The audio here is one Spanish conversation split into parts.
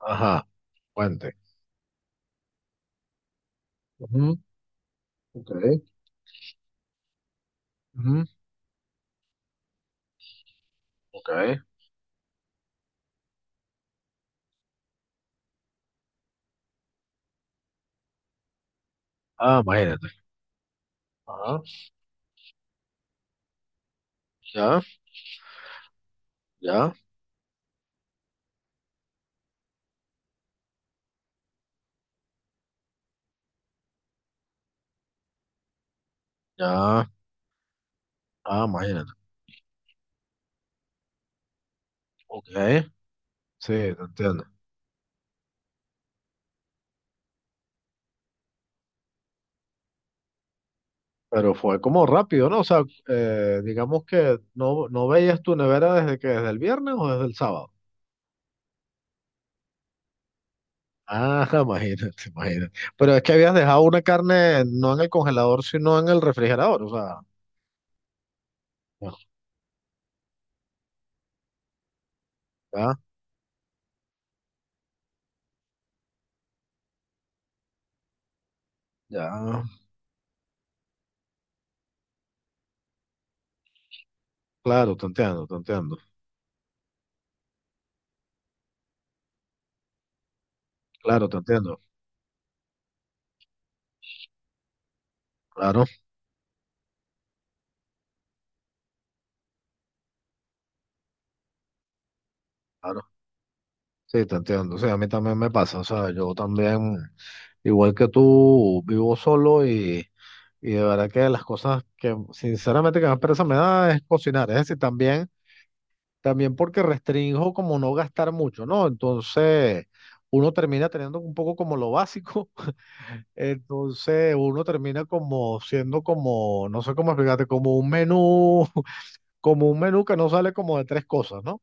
Ajá, puente. Ujú, ok, ujú, ok. Ah, imagínate. Ajá, ya, ya, ya. Ah, imagínate. Ok, sí, te entiendo. Pero fue como rápido, ¿no? O sea, digamos que no veías tu nevera desde el viernes o desde el sábado. Ah, imagínate, imagínate. Pero es que habías dejado una carne no en el congelador, sino en el refrigerador. O sea, bueno, ya, ya. Claro, te entiendo, te entiendo. Claro, te entiendo. Claro, claro. Sí, te entiendo. Sí, a mí también me pasa. O sea, yo también, igual que tú, vivo solo y de verdad que las cosas que sinceramente que más pereza me da es cocinar. Es decir, también porque restringo como no gastar mucho, ¿no? Entonces, uno termina teniendo un poco como lo básico. Entonces, uno termina como siendo como, no sé cómo explicarte, como un menú que no sale como de tres cosas, ¿no?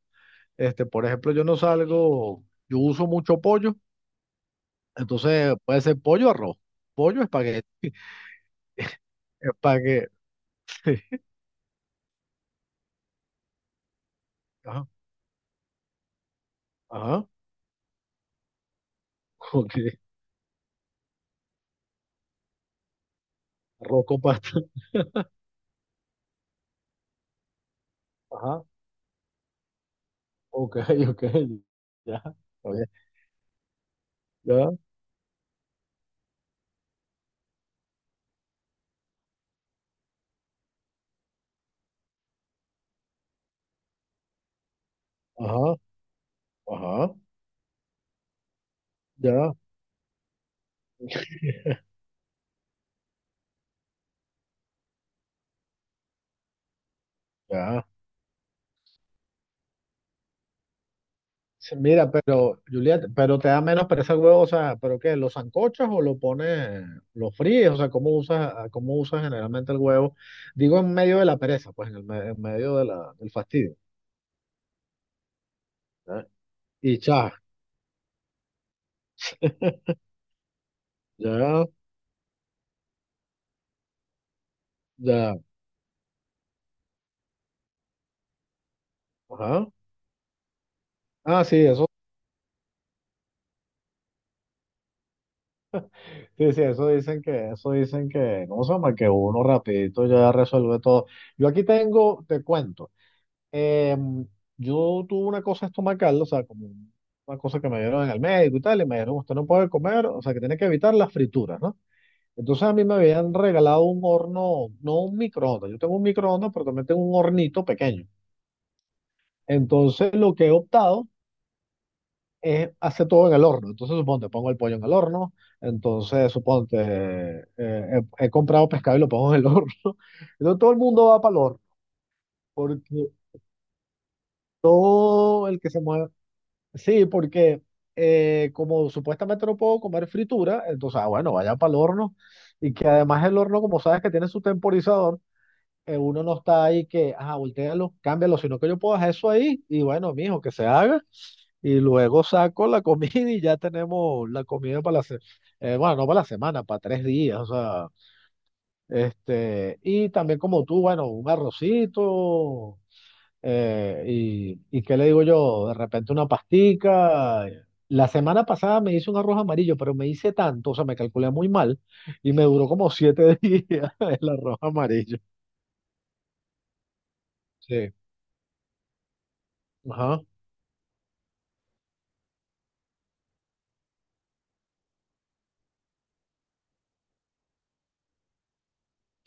Por ejemplo, yo no salgo, yo uso mucho pollo. Entonces puede ser pollo o arroz. Pollo, espagueti. Ajá, ajá, ok. Arroz con pasta. Ajá, ok, ok. Ya, está bien, ya, ajá, ajá, ya, ya. Sí, mira, pero, Juliet, pero te da menos pereza el huevo, o sea, ¿pero qué? Lo sancochas o lo pones, lo fríes? O sea, ¿cómo usas, cómo usas generalmente el huevo? Digo, en medio de la pereza, pues, en el en medio de la, del fastidio. ¿Ya? Y ya, ya, ya, ajá. Ah, sí, eso, sí, sí, eso dicen que, ¿cómo se llama? Que uno rapidito ya resuelve todo. Yo aquí tengo, te cuento, em, yo tuve una cosa estomacal, o sea, como una cosa que me dieron en el médico y tal, y me dijeron, usted no puede comer, o sea, que tiene que evitar las frituras, ¿no? Entonces a mí me habían regalado un horno, no un microondas, yo tengo un microondas, pero también tengo un hornito pequeño. Entonces lo que he optado hace todo en el horno. Entonces, suponte, pongo el pollo en el horno. Entonces, suponte, he comprado pescado y lo pongo en el horno. Entonces, todo el mundo va para el horno. Porque, o el que se mueve. Sí, porque como supuestamente no puedo comer fritura, entonces, ah, bueno, vaya para el horno. Y que además el horno, como sabes que tiene su temporizador, uno no está ahí que, ah, voltéalo, cámbialo, sino que yo puedo hacer eso ahí y bueno, mijo, que se haga. Y luego saco la comida y ya tenemos la comida para la semana, bueno, no para la semana, para 3 días, o sea, y también como tú, bueno, un arrocito, qué le digo yo, de repente una pastica. La semana pasada me hice un arroz amarillo, pero me hice tanto, o sea, me calculé muy mal y me duró como 7 días el arroz amarillo. Sí, ajá,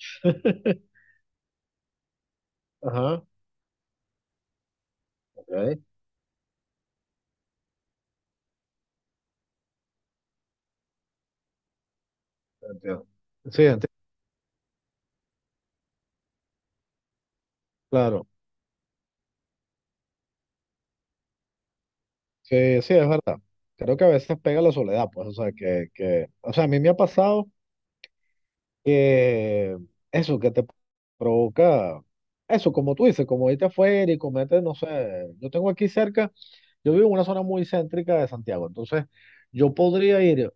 ajá, ok, entiendo. Sí, entiendo, claro. Sí, sí, es verdad. Creo que a veces pega la soledad, pues, o sea, o sea, a mí me ha pasado eso que te provoca, eso, como tú dices, como irte afuera y comete, no sé, yo tengo aquí cerca, yo vivo en una zona muy céntrica de Santiago, entonces yo podría ir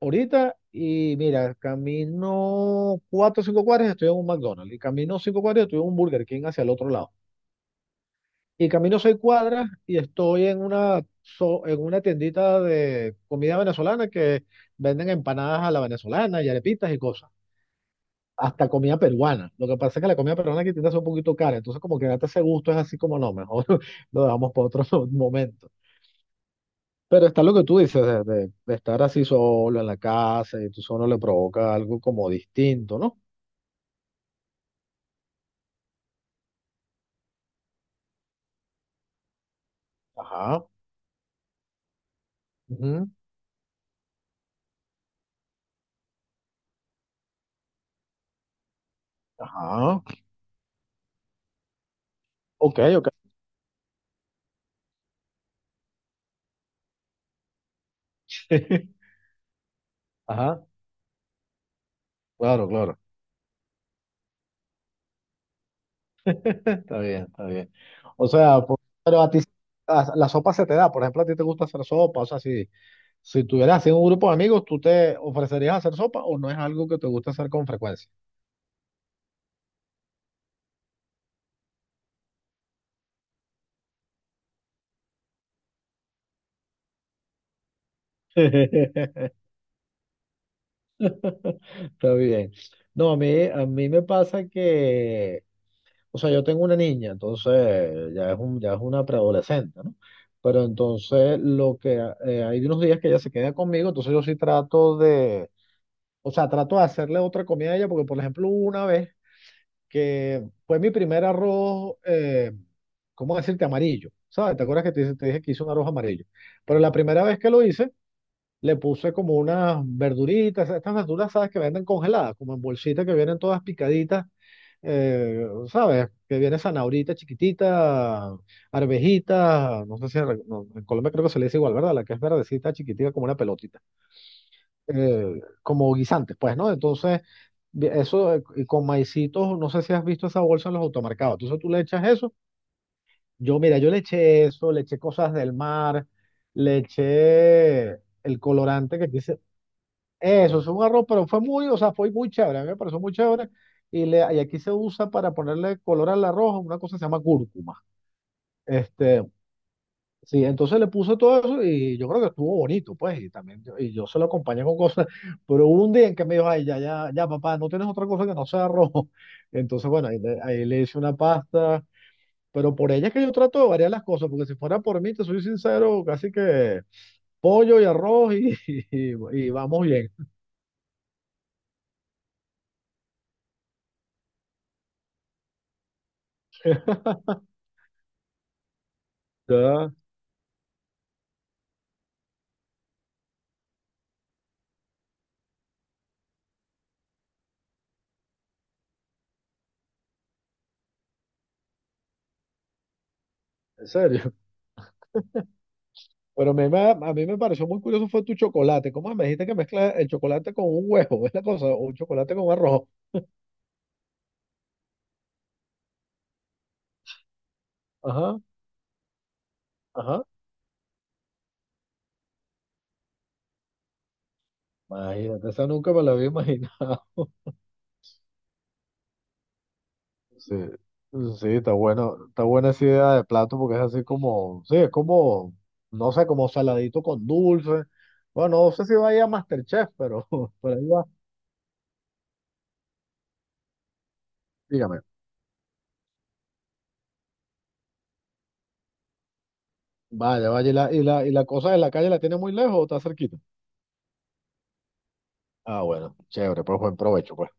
ahorita y mira, camino 4 o 5 cuadras y estoy en un McDonald's y camino 5 cuadras y estoy en un Burger King hacia el otro lado. Y camino 6 cuadras y estoy en una, en una tiendita de comida venezolana que venden empanadas a la venezolana y arepitas y cosas. Hasta comida peruana. Lo que pasa es que la comida peruana aquí tiende a ser un poquito cara. Entonces, como que date ese gusto es así como no, mejor lo dejamos para otro momento. Pero está lo que tú dices, de estar así solo en la casa y tú solo le provoca algo como distinto, ¿no? Ajá. Ujú, ajá. Ok, ok. Ajá. Claro, claro. Está bien, está bien. O sea, pero a ti la sopa se te da. Por ejemplo, a ti te gusta hacer sopa. O sea, si tuvieras así un grupo de amigos, ¿tú te ofrecerías a hacer sopa o no es algo que te gusta hacer con frecuencia? Está bien. No, a mí me pasa que, o sea, yo tengo una niña, entonces ya es un, ya es una preadolescente, ¿no? Pero entonces lo que hay unos días que ella se queda conmigo, entonces yo sí trato de, o sea, trato de hacerle otra comida a ella, porque por ejemplo, hubo una vez que fue mi primer arroz, ¿cómo decirte? Amarillo, ¿sabes? ¿Te acuerdas que te dije que hice un arroz amarillo? Pero la primera vez que lo hice, le puse como unas verduritas, estas verduras, ¿sabes? Que venden congeladas, como en bolsitas que vienen todas picaditas, ¿sabes? Que viene zanahorita chiquitita, arvejita, no sé si en, no, en Colombia creo que se le dice igual, ¿verdad? La que es verdecita, chiquitita, como una pelotita como guisantes, pues, ¿no? Entonces, eso y con maicitos, no sé si has visto esa bolsa en los automercados. Entonces tú le echas eso. Yo, mira, yo le eché eso, le eché cosas del mar, le eché el colorante que quise. Eso es un arroz, pero fue muy, o sea, fue muy chévere, a mí me pareció muy chévere. Y aquí se usa para ponerle color al arroz una cosa que se llama cúrcuma. Este, Sí, entonces le puso todo eso y yo creo que estuvo bonito, pues, y también yo, y yo se lo acompañé con cosas, pero hubo un día en que me dijo, ay, ya, ya, ya, papá, no tienes otra cosa que no sea arroz. Entonces, bueno, ahí le hice una pasta, pero por ella es que yo trato de variar las cosas, porque si fuera por mí, te soy sincero, casi que pollo y arroz y, y vamos bien. Ya, en serio. Pero a mí me pareció muy curioso fue tu chocolate. ¿Cómo me dijiste que mezclas el chocolate con un huevo? Es la cosa, o un chocolate con arroz. Ajá, ajá. Imagínate, esa nunca me la había imaginado. Sí, sí, está bueno, está buena esa idea de plato porque es así como, sí, es como, no sé, como saladito con dulce. Bueno, no sé si vaya a MasterChef, pero por ahí va. Dígame, vaya, vaya, ¿y la, y la cosa de la calle la tiene muy lejos o está cerquita? Ah, bueno, chévere, pues buen provecho, pues.